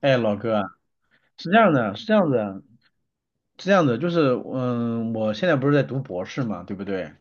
哎，老哥，是这样的，是这样的，是这样的，就是，我现在不是在读博士嘛，对不对？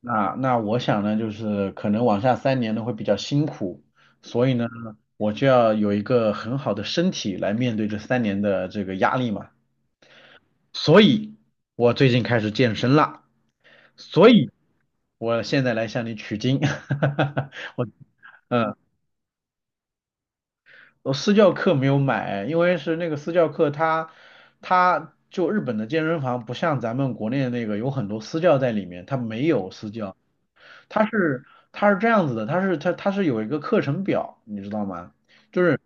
那我想呢，就是可能往下三年呢会比较辛苦，所以呢，我就要有一个很好的身体来面对这三年的这个压力嘛。所以，我最近开始健身啦，所以我现在来向你取经，我，嗯。我私教课没有买，因为是那个私教课它，它就日本的健身房不像咱们国内的那个有很多私教在里面，它没有私教，它是它是这样子的，它是有一个课程表，你知道吗？就是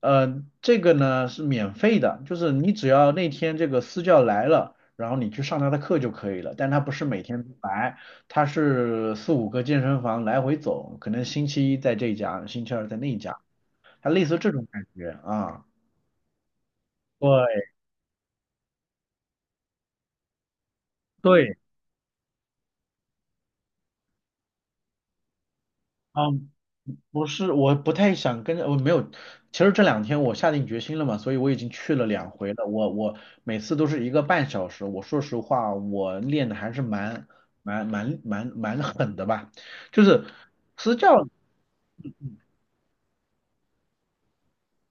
这个呢是免费的，就是你只要那天这个私教来了，然后你去上他的课就可以了，但他不是每天都来，他是四五个健身房来回走，可能星期一在这一家，星期二在那一家，它类似这种感觉啊。对对，嗯，不是，我不太想跟着我没有。其实这两天我下定决心了嘛，所以我已经去了两回了。我每次都是一个半小时。我说实话，我练的还是蛮狠的吧。就是私教，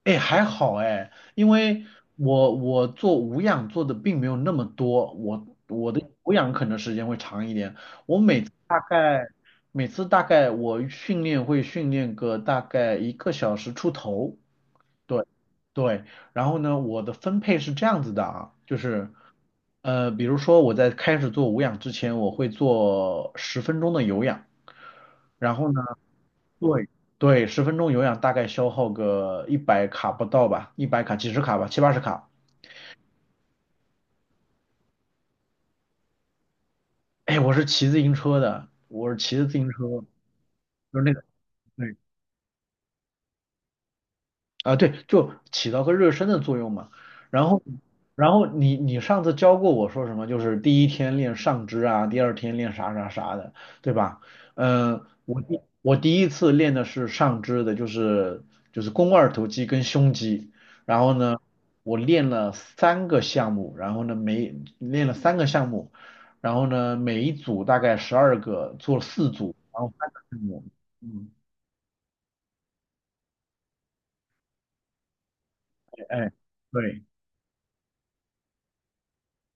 哎，还好哎，因为我做无氧做的并没有那么多，我的有氧可能时间会长一点。我每次大概每次大概我训练会训练个大概一个小时出头，对对。然后呢，我的分配是这样子的啊，就是比如说我在开始做无氧之前，我会做十分钟的有氧，然后呢。对对，十分钟有氧大概消耗个一百卡不到吧，一百卡几十卡吧，七八十卡。哎，我是骑自行车的，我是骑着自行车，就是那个。对啊，对，就起到个热身的作用嘛。然后，然后你上次教过我说什么？就是第一天练上肢啊，第二天练啥啥啥的，对吧？嗯、我第一次练的是上肢的，就是肱二头肌跟胸肌。然后呢，我练了三个项目，然后呢每练了三个项目，然后呢每一组大概十二个，做了四组，然后三个项目。嗯，哎，对，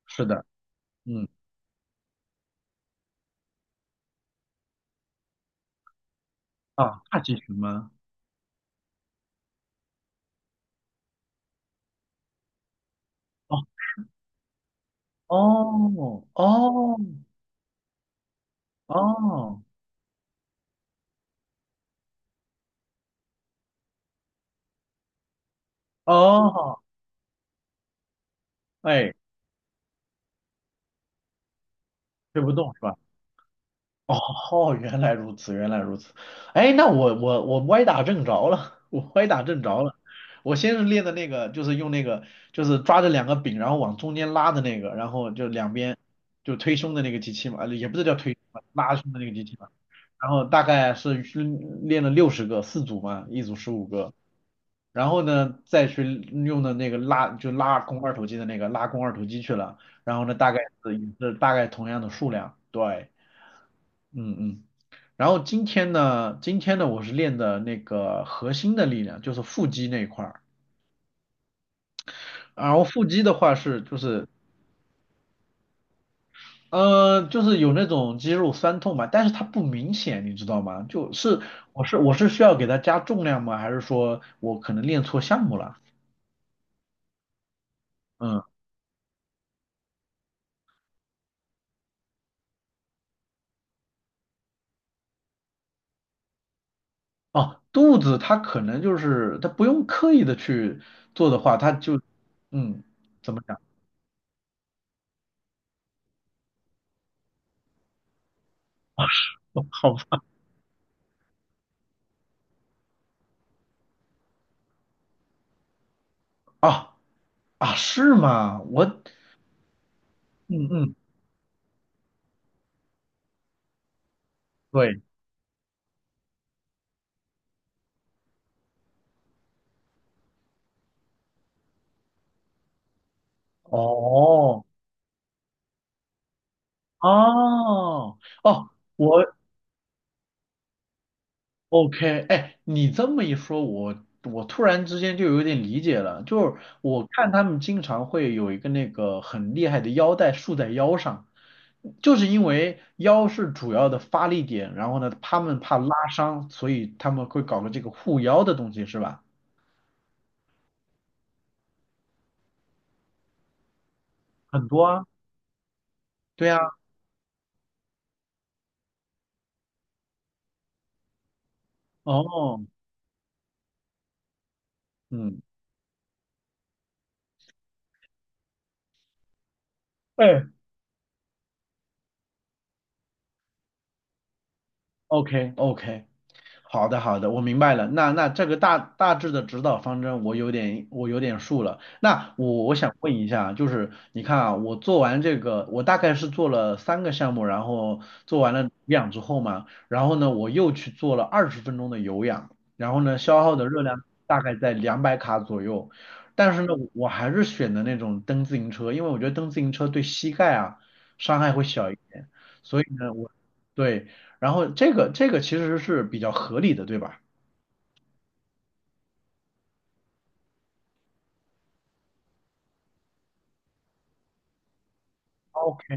是的。嗯。啊，大集群吗？哦哦哦哦哦，哎，推不动是吧？哦，原来如此，原来如此。哎，那我歪打正着了，我歪打正着了。我先是练的那个，就是用那个，就是抓着两个柄，然后往中间拉的那个，然后就两边就推胸的那个机器嘛，啊，也不是叫推胸吧拉胸的那个机器嘛。然后大概是去练了六十个，四组嘛，一组十五个。然后呢，再去用的那个拉，就拉肱二头肌去了。然后呢，大概是也是大概同样的数量，对。嗯嗯，然后今天呢，今天呢，我是练的那个核心的力量，就是腹肌那一块儿。然后腹肌的话是就是，就是有那种肌肉酸痛嘛，但是它不明显，你知道吗？就是我是需要给它加重量吗？还是说我可能练错项目了？嗯，哦，肚子它可能就是它不用刻意的去做的话，它就嗯，怎么讲？哦好啊啊，是吗？我嗯嗯。对。哦，哦，哦，我 OK，哎，你这么一说，我突然之间就有点理解了，就是我看他们经常会有一个那个很厉害的腰带束在腰上，就是因为腰是主要的发力点，然后呢，他们怕拉伤，所以他们会搞个这个护腰的东西，是吧？很多啊，对啊，哦，嗯，哎，OK OK，好的，好的，我明白了。那那这个大致的指导方针，我有点数了。那我想问一下，就是你看啊，我做完这个，我大概是做了三个项目，然后做完了有氧之后嘛，然后呢，我又去做了二十分钟的有氧，然后呢，消耗的热量大概在两百卡左右。但是呢，我还是选的那种蹬自行车，因为我觉得蹬自行车对膝盖啊伤害会小一点，所以呢，我。对，然后这个其实是比较合理的，对吧？OK，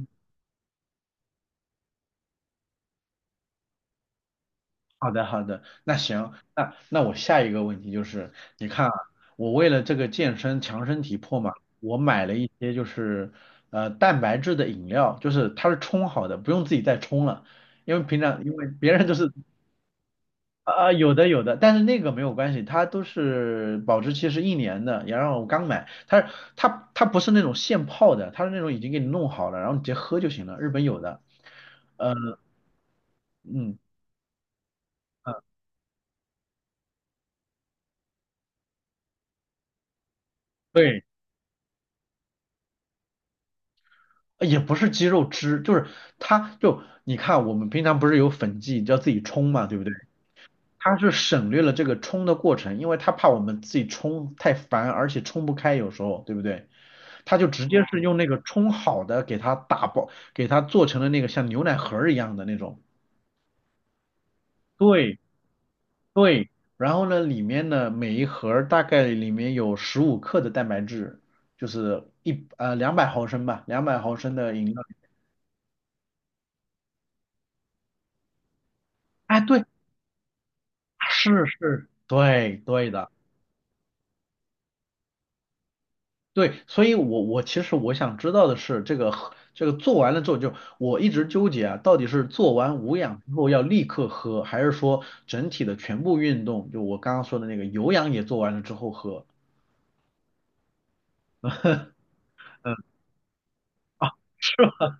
好的，好的，那行，那那我下一个问题就是，你看啊，我为了这个健身强身体魄嘛，我买了一些就是蛋白质的饮料，就是它是冲好的，不用自己再冲了，因为平常因为别人就是啊、啊有的有的，但是那个没有关系，它都是保质期是一年的，然后我刚买，它不是那种现泡的，它是那种已经给你弄好了，然后你直接喝就行了，日本有的。呃嗯，对，也不是鸡肉汁，就是它就你看，我们平常不是有粉剂，你要自己冲嘛，对不对？它是省略了这个冲的过程，因为它怕我们自己冲太烦，而且冲不开，有时候，对不对？它就直接是用那个冲好的给它打包，给它做成了那个像牛奶盒儿一样的那种。对对，然后呢，里面呢每一盒儿大概里面有十五克的蛋白质，就是两百毫升吧，两百毫升的饮料。哎，对，是是，对对的，对，所以我其实想知道的是，这个喝这个做完了之后就，我一直纠结啊，到底是做完无氧之后要立刻喝，还是说整体的全部运动，就我刚刚说的那个有氧也做完了之后喝？嗯啊，是吗？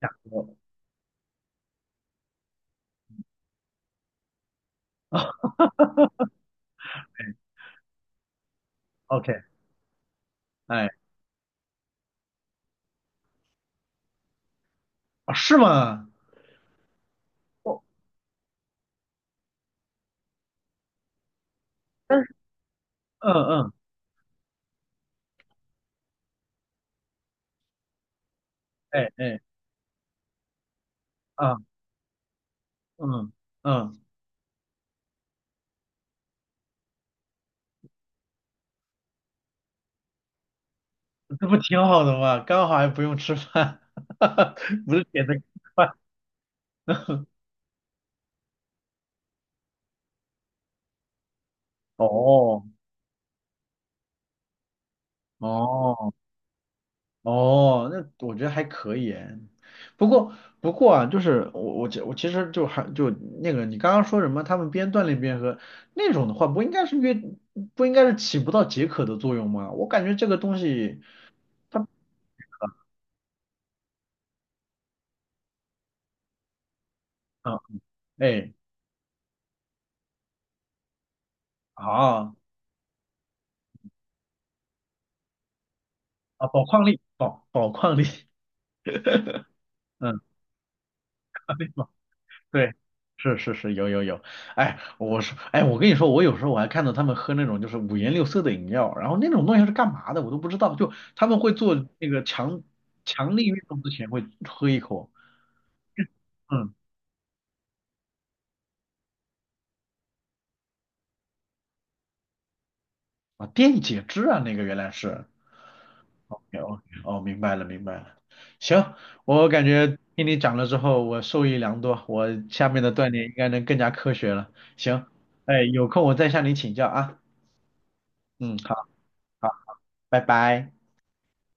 想喝，OK，哎，啊是吗想喝 o k 哎是吗哦，但是嗯嗯，哎哎啊嗯嗯，这不挺好的吗？刚好还不用吃饭，哈哈，不是点的哦哦。哦，那我觉得还可以诶。不过不过啊，就是我其实就还就那个你刚刚说什么，他们边锻炼边喝那种的话，不应该是越不应该是起不到解渴的作用吗？我感觉这个东西它啊哎啊啊宝矿力宝宝矿力，嗯对，是是是，有有有，哎，我说，哎，我跟你说，我有时候我还看到他们喝那种就是五颜六色的饮料，然后那种东西是干嘛的，我都不知道，就他们会做那个强力运动之前会喝一口，嗯，啊，电解质啊，那个原来是，OK OK，哦，明白了明白了，行，我感觉听你讲了之后，我受益良多，我下面的锻炼应该能更加科学了，行，哎，有空我再向你请教啊，嗯，好好，拜拜。